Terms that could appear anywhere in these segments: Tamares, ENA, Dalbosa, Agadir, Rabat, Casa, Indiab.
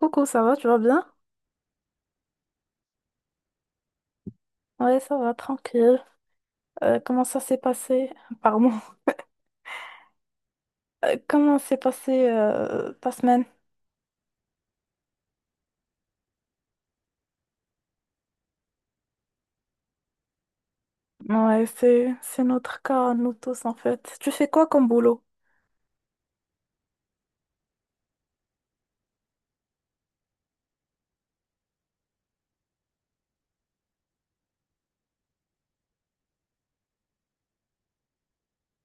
Coucou, ça va, tu vas bien? Ouais, ça va, tranquille. Comment ça s'est passé? Pardon. Comment s'est passé ta semaine? Ouais, c'est notre cas, nous tous en fait. Tu fais quoi comme boulot?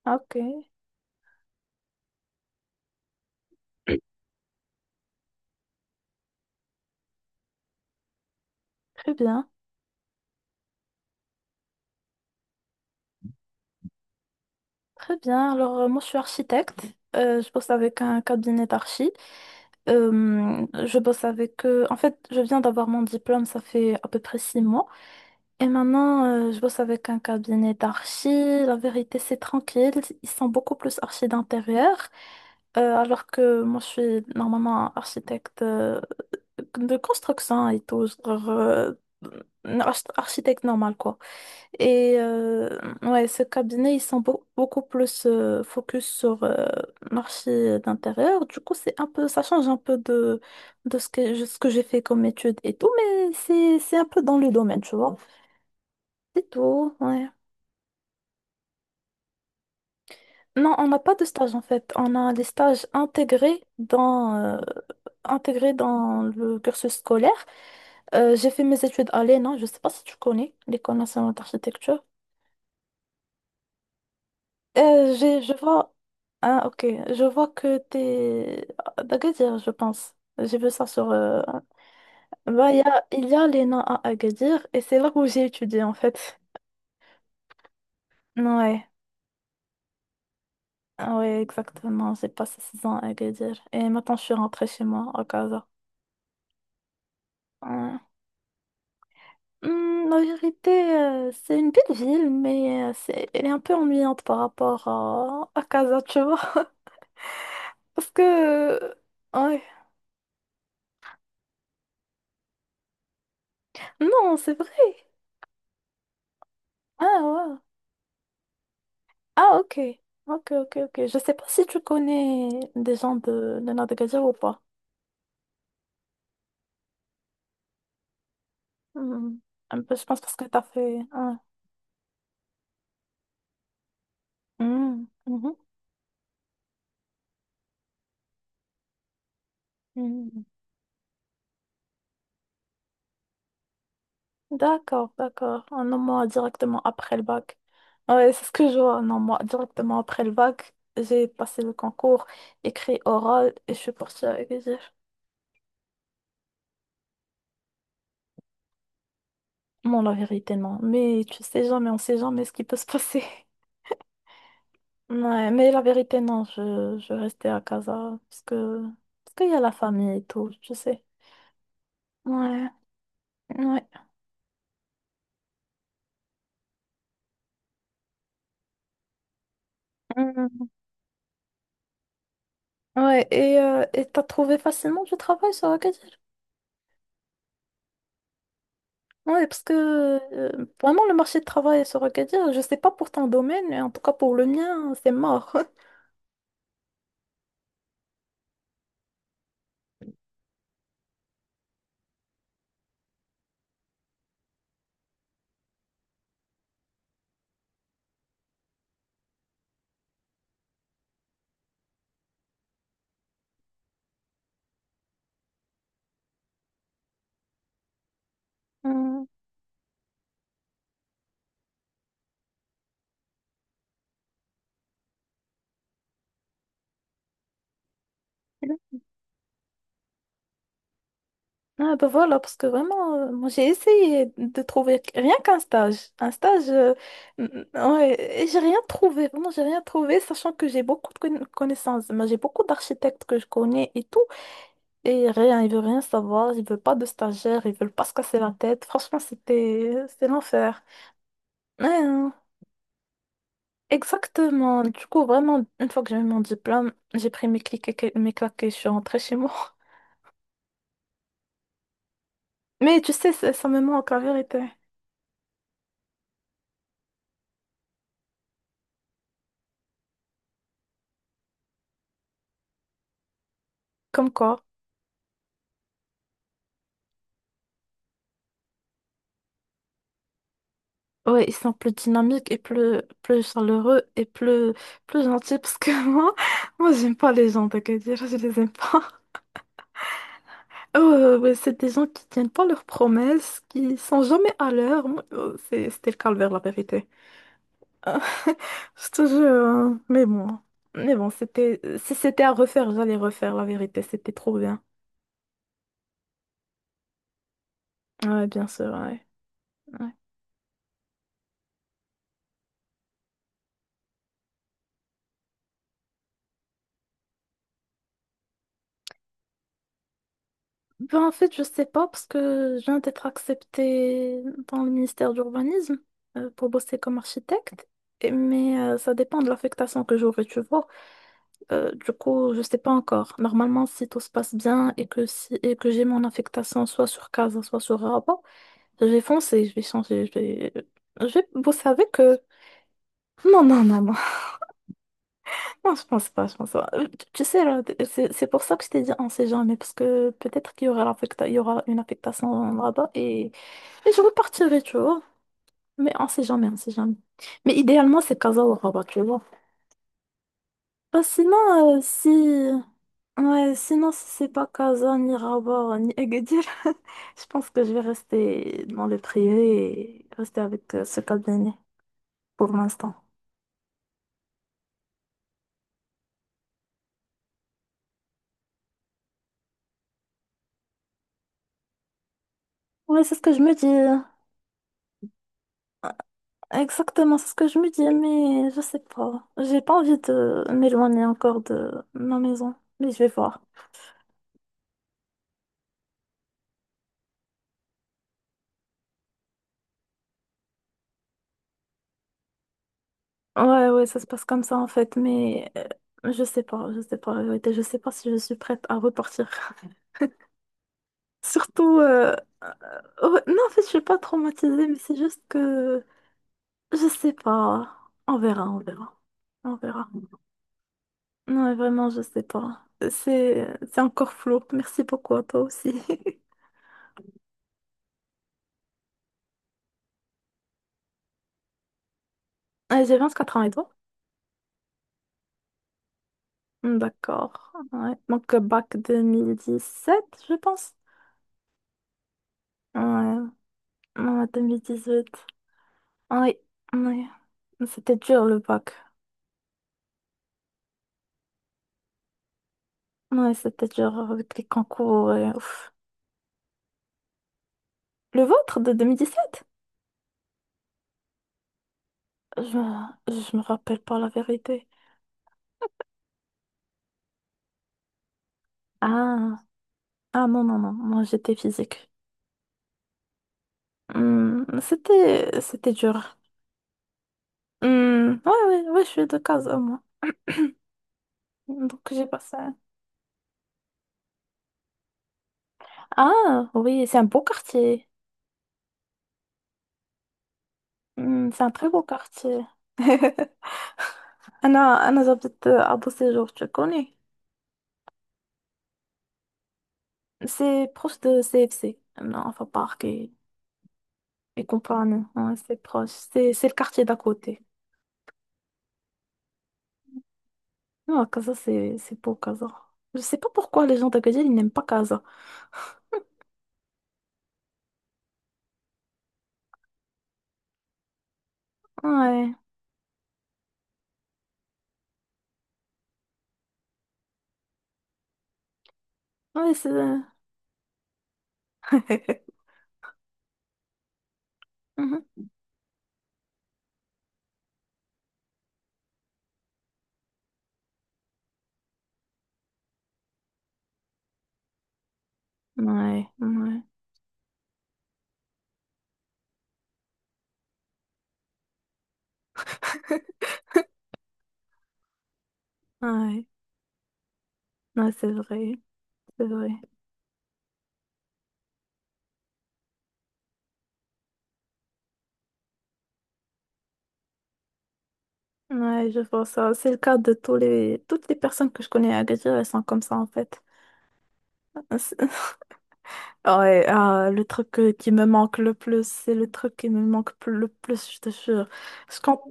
Ah, ok, très bien. Très bien. Alors, moi, je suis architecte. Je bosse avec un cabinet d'archi. En fait, je viens d'avoir mon diplôme, ça fait à peu près 6 mois. Et maintenant, je bosse avec un cabinet d'archi. La vérité, c'est tranquille. Ils sont beaucoup plus archi d'intérieur. Alors que moi, je suis normalement architecte de construction et tout. Genre, un architecte normal, quoi. Et ouais, ce cabinet, ils sont beaucoup plus focus sur marché d'intérieur. Du coup, c'est un peu, ça change un peu de ce que, ce que j'ai fait comme étude et tout, mais c'est un peu dans le domaine, tu vois. C'est tout, ouais. Non, on n'a pas de stage en fait. On a des stages intégrés dans le cursus scolaire. J'ai fait mes études à l'ENA, je ne sais pas si tu connais, l'École nationale d'architecture. Je vois. Ah, ok. Je vois que t'es à Agadir, je pense. J'ai vu ça sur. Bah, il y a Lena à Agadir et c'est là où j'ai étudié en fait. Ouais. Ah ouais, exactement. J'ai passé 6 ans à Agadir et maintenant je suis rentrée chez moi à Casa. Ouais. Hmm, la vérité, c'est une belle ville, mais elle est un peu ennuyante par rapport à Casa, tu vois. Parce que. Ouais. Non, c'est vrai. Ah ouais. Ah, ok. Ok, ok, ok. Je sais pas si tu connais des gens de Nadagadja ou pas. Hmm. Un peu, je pense parce que t'as fait... ah. Hmm. Mhm. Hmm. D'accord, d'accord. Ah, non, moi, directement après le bac. Ouais, c'est ce que je vois. Non, moi, directement après le bac, j'ai passé le concours, écrit oral, et je suis partie avec les F. Bon, la vérité, non. Mais tu sais jamais, on sait jamais ce qui peut se passer. Ouais, mais la vérité, non, je restais à casa parce qu'il y a la famille et tout, je sais. Ouais, ouais. Mm. Ouais, et t'as trouvé facilement du travail sur Agadir? Ouais, parce que vraiment, le marché de travail sur Agadir, je sais pas pour ton domaine, mais en tout cas pour le mien, c'est mort. Hmm. Ah ben voilà, parce que vraiment, moi j'ai essayé de trouver rien qu'un stage. Un stage. Ouais, et j'ai rien trouvé, vraiment j'ai rien trouvé, sachant que j'ai beaucoup de connaissances. Moi j'ai beaucoup d'architectes que je connais et tout. Et rien, ils veulent rien savoir, ils veulent pas de stagiaires, ils veulent pas se casser la tête. Franchement, c'était l'enfer. Ouais, hein, exactement. Du coup, vraiment, une fois que j'avais mon diplôme, j'ai pris mes clics mes claques et je suis rentrée chez moi. Mais tu sais, ça me manque la vérité. Comme quoi, ouais, ils sont plus dynamiques et plus, plus chaleureux et plus, plus gentils parce que moi, moi, j'aime pas les gens, t'inquiète, je les aime pas. Ouais, c'est des gens qui tiennent pas leurs promesses, qui sont jamais à l'heure. Moi, c'était le calvaire, la vérité. Euh, je te jure, hein. Mais bon. Mais bon, c'était, si c'était à refaire, j'allais refaire, la vérité. C'était trop bien. Ouais, bien sûr, ouais. Ouais. Ben, en fait, je sais pas parce que je viens d'être acceptée dans le ministère de l'Urbanisme pour bosser comme architecte. Mais ça dépend de l'affectation que j'aurai, tu vois. Du coup, je sais pas encore. Normalement, si tout se passe bien et que si et que j'ai mon affectation soit sur Casa, soit sur Rabat, je vais foncer, je vais changer, je vais bosser avec eux. Non, non, non, non. Non, je pense pas, je pense pas. Tu sais, là, c'est pour ça que je t'ai dit on sait jamais, parce que peut-être qu'il y aura il y aura une affectation là-bas et je repartirai, tu vois. Mais on sait jamais, on sait jamais. Mais idéalement, c'est Casa ou Rabat, tu vois. Bah, sinon, si... Ouais, sinon, si c'est pas Casa, ni Rabat, ni Agadir, je pense que je vais rester dans le privé et rester avec ce cabinet pour l'instant. Ouais, c'est ce que je me dis. Exactement, c'est ce que je me dis, mais je sais pas. J'ai pas envie de m'éloigner encore de ma maison, mais je vais voir. Ouais, ouais, ça se passe comme ça en fait, mais je sais pas, la vérité, je sais pas si je suis prête à repartir. Surtout, ouais, non, en fait, je suis pas traumatisée, mais c'est juste que je sais pas. On verra, on verra, on verra. Non, mais vraiment, je sais pas. C'est encore flou. Merci beaucoup à toi aussi. J'ai 24 ans et toi? Hmm, d'accord. Ouais. Donc, bac 2017, je pense. Ouais. Ouais, 2018. Oui, oui. Ouais. C'était dur, le bac. Ouais, c'était dur avec les concours et ouf. Le vôtre de 2017? Je me rappelle pas la vérité. Ah. Ah non, non, non. Moi, j'étais physique. Hmm, c'était dur. Hmm, ouais, ouais, ouais, je suis de Casa, moi. Donc, j'ai passé. Ah, oui, c'est un beau quartier. أمم، c'est un très beau quartier. أنا أنا جبت أبو سيجور تشكوني سي بروش دو سي اف سي non enfin parc et compagnie. Ouais, c'est proche, c'est le quartier d'à côté. Non, Casa, c'est beau, Casa. Je sais pas pourquoi les gens d'Agadir ils n'aiment pas Casa. Ouais, ouais, c'est... Mhm. Ouais, ouais, ouais, ouais, c'est vrai, c'est vrai. Ouais, je vois ça, c'est le cas de tous les toutes les personnes que je connais à Agadir, elles sont comme ça en fait. Ouais, ah, le truc qui me manque le plus, c'est le truc qui me manque le plus, je te jure. Je compte...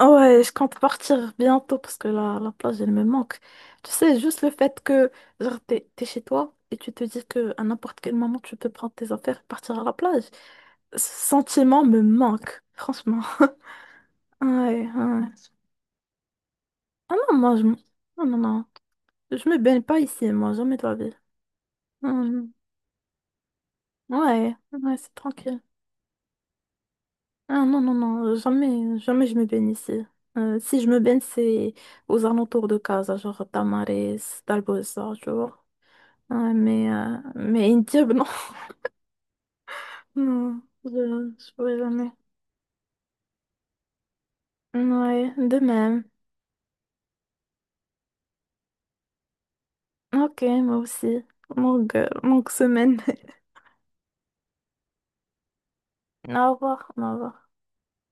Ouais, je compte partir bientôt parce que la plage, elle me manque. Tu sais, juste le fait que, genre, t'es chez toi et tu te dis que à n'importe quel moment, tu peux prendre tes affaires et partir à la plage. Ce sentiment me manque, franchement. Ouais, ouais. Ah non, moi, je... Non, non, non. Je me baigne pas ici, moi, jamais de la vie. Hmm. Ouais, ouais, c'est tranquille. Ah non, non, non, jamais, jamais je me baigne ici. Si je me baigne, c'est aux alentours de Casa, genre Tamares, Dalbosa, tu vois. Ouais, mais Indiab, non. Non, je pourrais jamais. Ouais, de même. Ok, moi aussi. Longue, longue semaine. Au revoir, au revoir.